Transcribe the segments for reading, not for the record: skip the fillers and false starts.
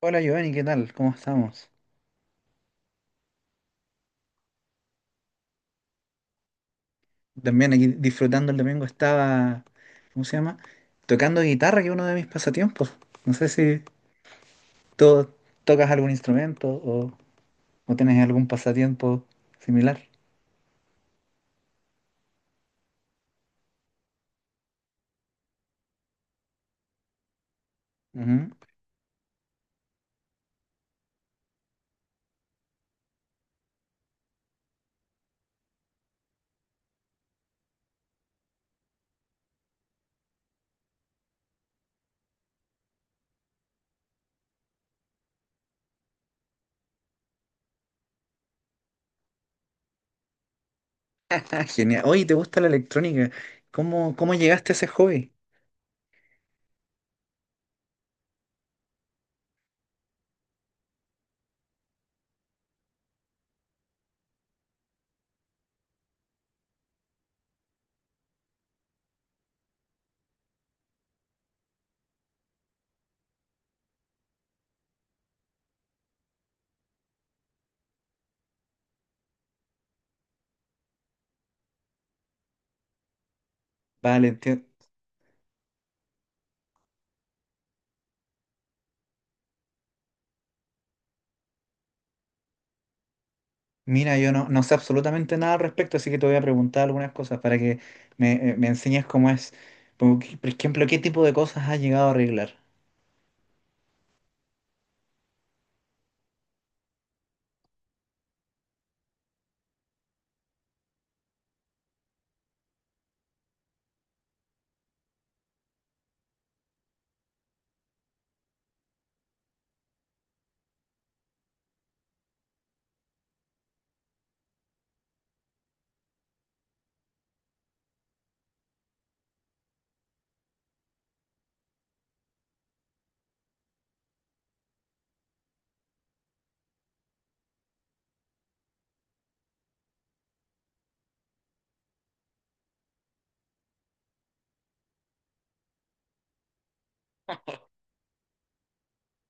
Hola Giovanni, ¿qué tal? ¿Cómo estamos? También aquí disfrutando el domingo estaba, ¿cómo se llama? Tocando guitarra, que es uno de mis pasatiempos. No sé si tú tocas algún instrumento o tienes algún pasatiempo similar. Ujú. Ah, genial. Oye, ¿te gusta la electrónica? ¿Cómo llegaste a ese hobby? Vale, enti- Mira, yo no, no sé absolutamente nada al respecto, así que te voy a preguntar algunas cosas para que me enseñes cómo es. Como que, por ejemplo, ¿qué tipo de cosas has llegado a arreglar?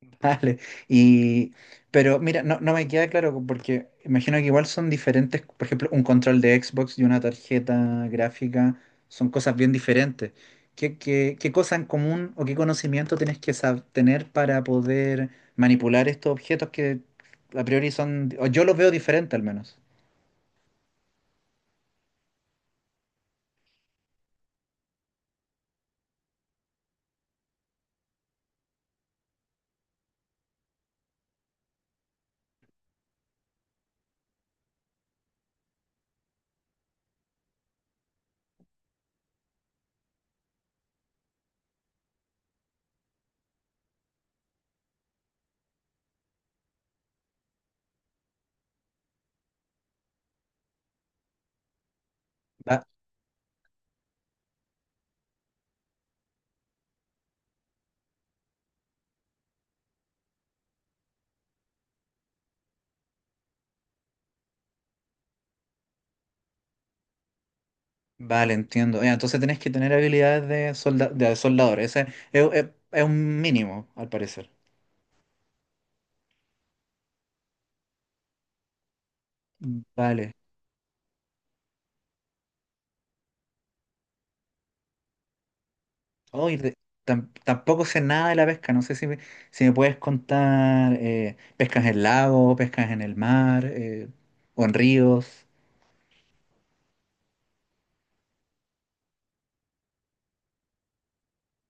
Dale. Y, pero mira, no, no me queda claro porque imagino que igual son diferentes, por ejemplo, un control de Xbox y una tarjeta gráfica son cosas bien diferentes. ¿Qué cosa en común o qué conocimiento tienes que tener para poder manipular estos objetos que a priori son, o yo los veo diferente al menos? Va- vale, entiendo. Ya, entonces tenés que tener habilidades de soldador. Ese es un mínimo, al parecer. Vale. Oh, tampoco sé nada de la pesca, no sé si si me puedes contar pescas en lago, pescas en el mar o en ríos.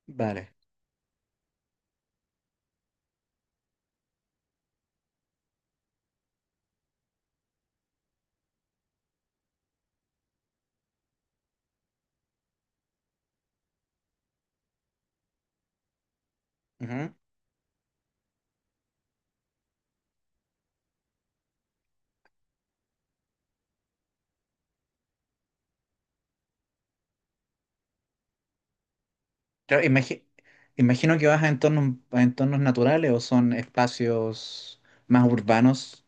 Vale. Ujú. Claro, imagino que vas a entornos naturales o son espacios más urbanos.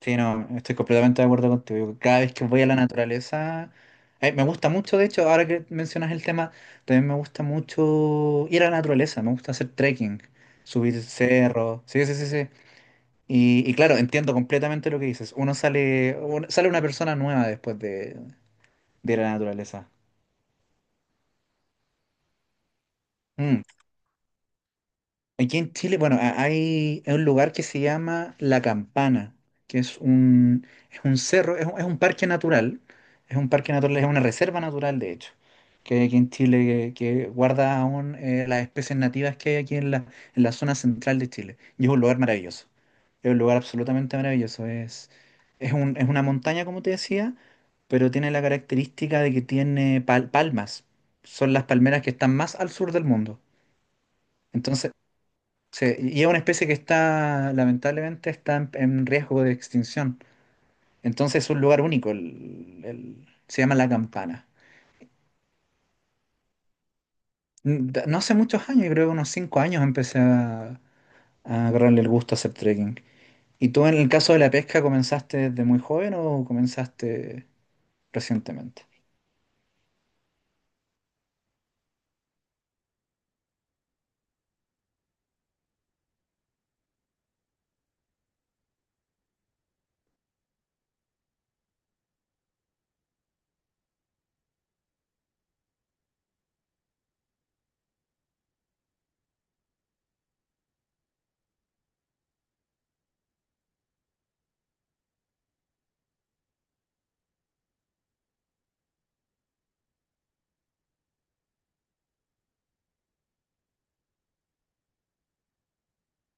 Sí, no, estoy completamente de acuerdo contigo. Cada vez que voy a la naturaleza, me gusta mucho, de hecho, ahora que mencionas el tema, también me gusta mucho ir a la naturaleza, me gusta hacer trekking, subir cerros. Sí, sí, sí, sí. Y claro, entiendo completamente lo que dices. Uno sale, sale una persona nueva después de la naturaleza. Mm. Aquí en Chile, bueno, hay un lugar que se llama La Campana, que es un cerro, es un parque natural, es una reserva natural, de hecho, que hay aquí en Chile, que guarda aún las especies nativas que hay aquí en en la zona central de Chile. Y es un lugar maravilloso, es un lugar absolutamente maravilloso. Es una montaña, como te decía, pero tiene la característica de que tiene palmas. Son las palmeras que están más al sur del mundo. Entonces. Sí, y es una especie que está, lamentablemente, está en riesgo de extinción. Entonces es un lugar único, se llama La Campana. No hace muchos años, yo creo que unos 5 años, empecé a agarrarle el gusto a hacer trekking. ¿Y tú en el caso de la pesca comenzaste desde muy joven o comenzaste recientemente?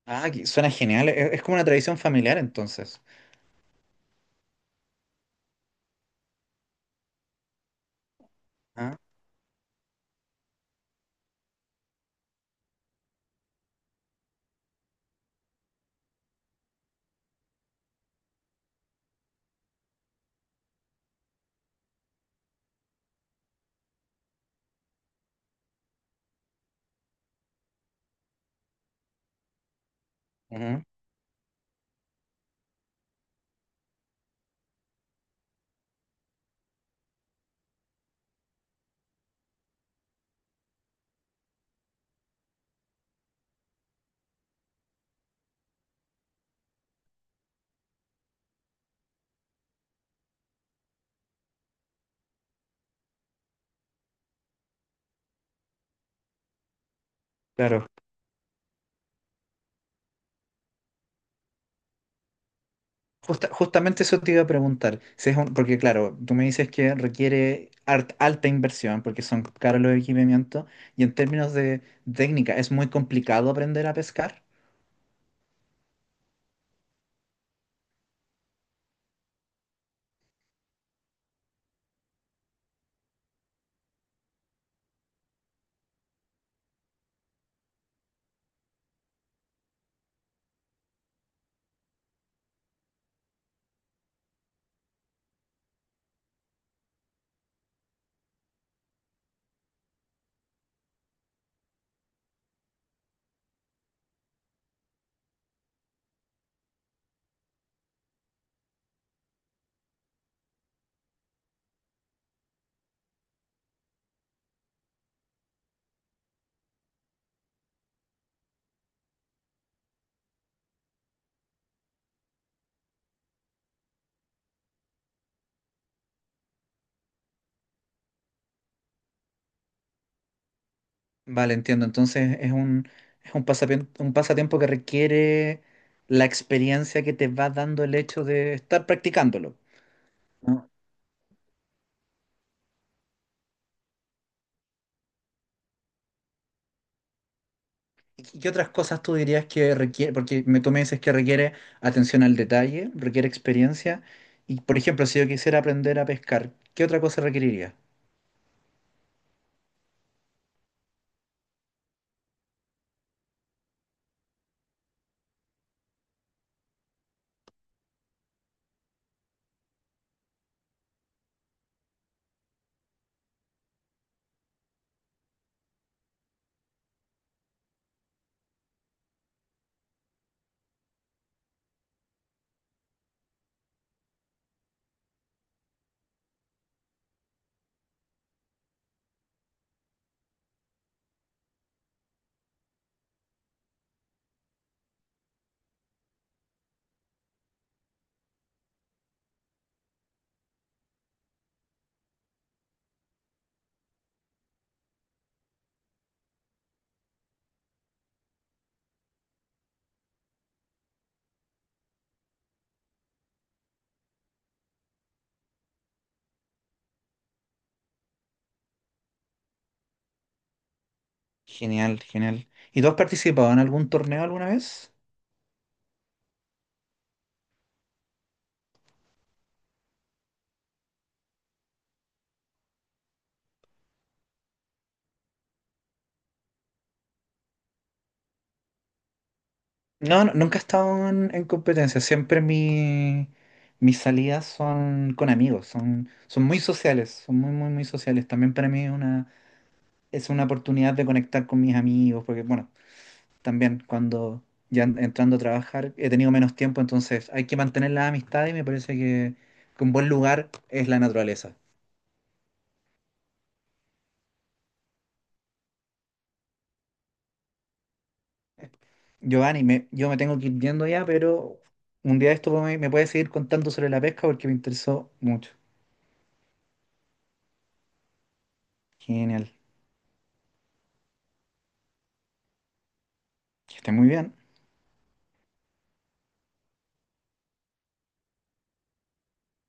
Ah, suena genial, es como una tradición familiar entonces. Ah, ujú. Claro. Justamente eso te iba a preguntar, si es porque claro, tú me dices que requiere alta inversión porque son caros los equipamientos y en términos de técnica es muy complicado aprender a pescar. Vale, entiendo. Entonces es un pasatiempo que requiere la experiencia que te va dando el hecho de estar practicándolo. ¿No? ¿Y qué otras cosas tú dirías que requiere? Tú me dices que requiere atención al detalle, requiere experiencia. Y, por ejemplo, si yo quisiera aprender a pescar, ¿qué otra cosa requeriría? Genial, genial. ¿Y tú has participado en algún torneo alguna vez? No, no, nunca he estado en competencia. Siempre mis salidas son con amigos, son muy sociales, son muy, muy, muy sociales. También para mí es una oportunidad de conectar con mis amigos, porque, bueno, también cuando ya entrando a trabajar he tenido menos tiempo, entonces hay que mantener la amistad y me parece que un buen lugar es la naturaleza. Giovanni, yo me tengo que ir yendo ya, pero un día de esto me puedes seguir contando sobre la pesca porque me interesó mucho. Genial. Que esté muy bien.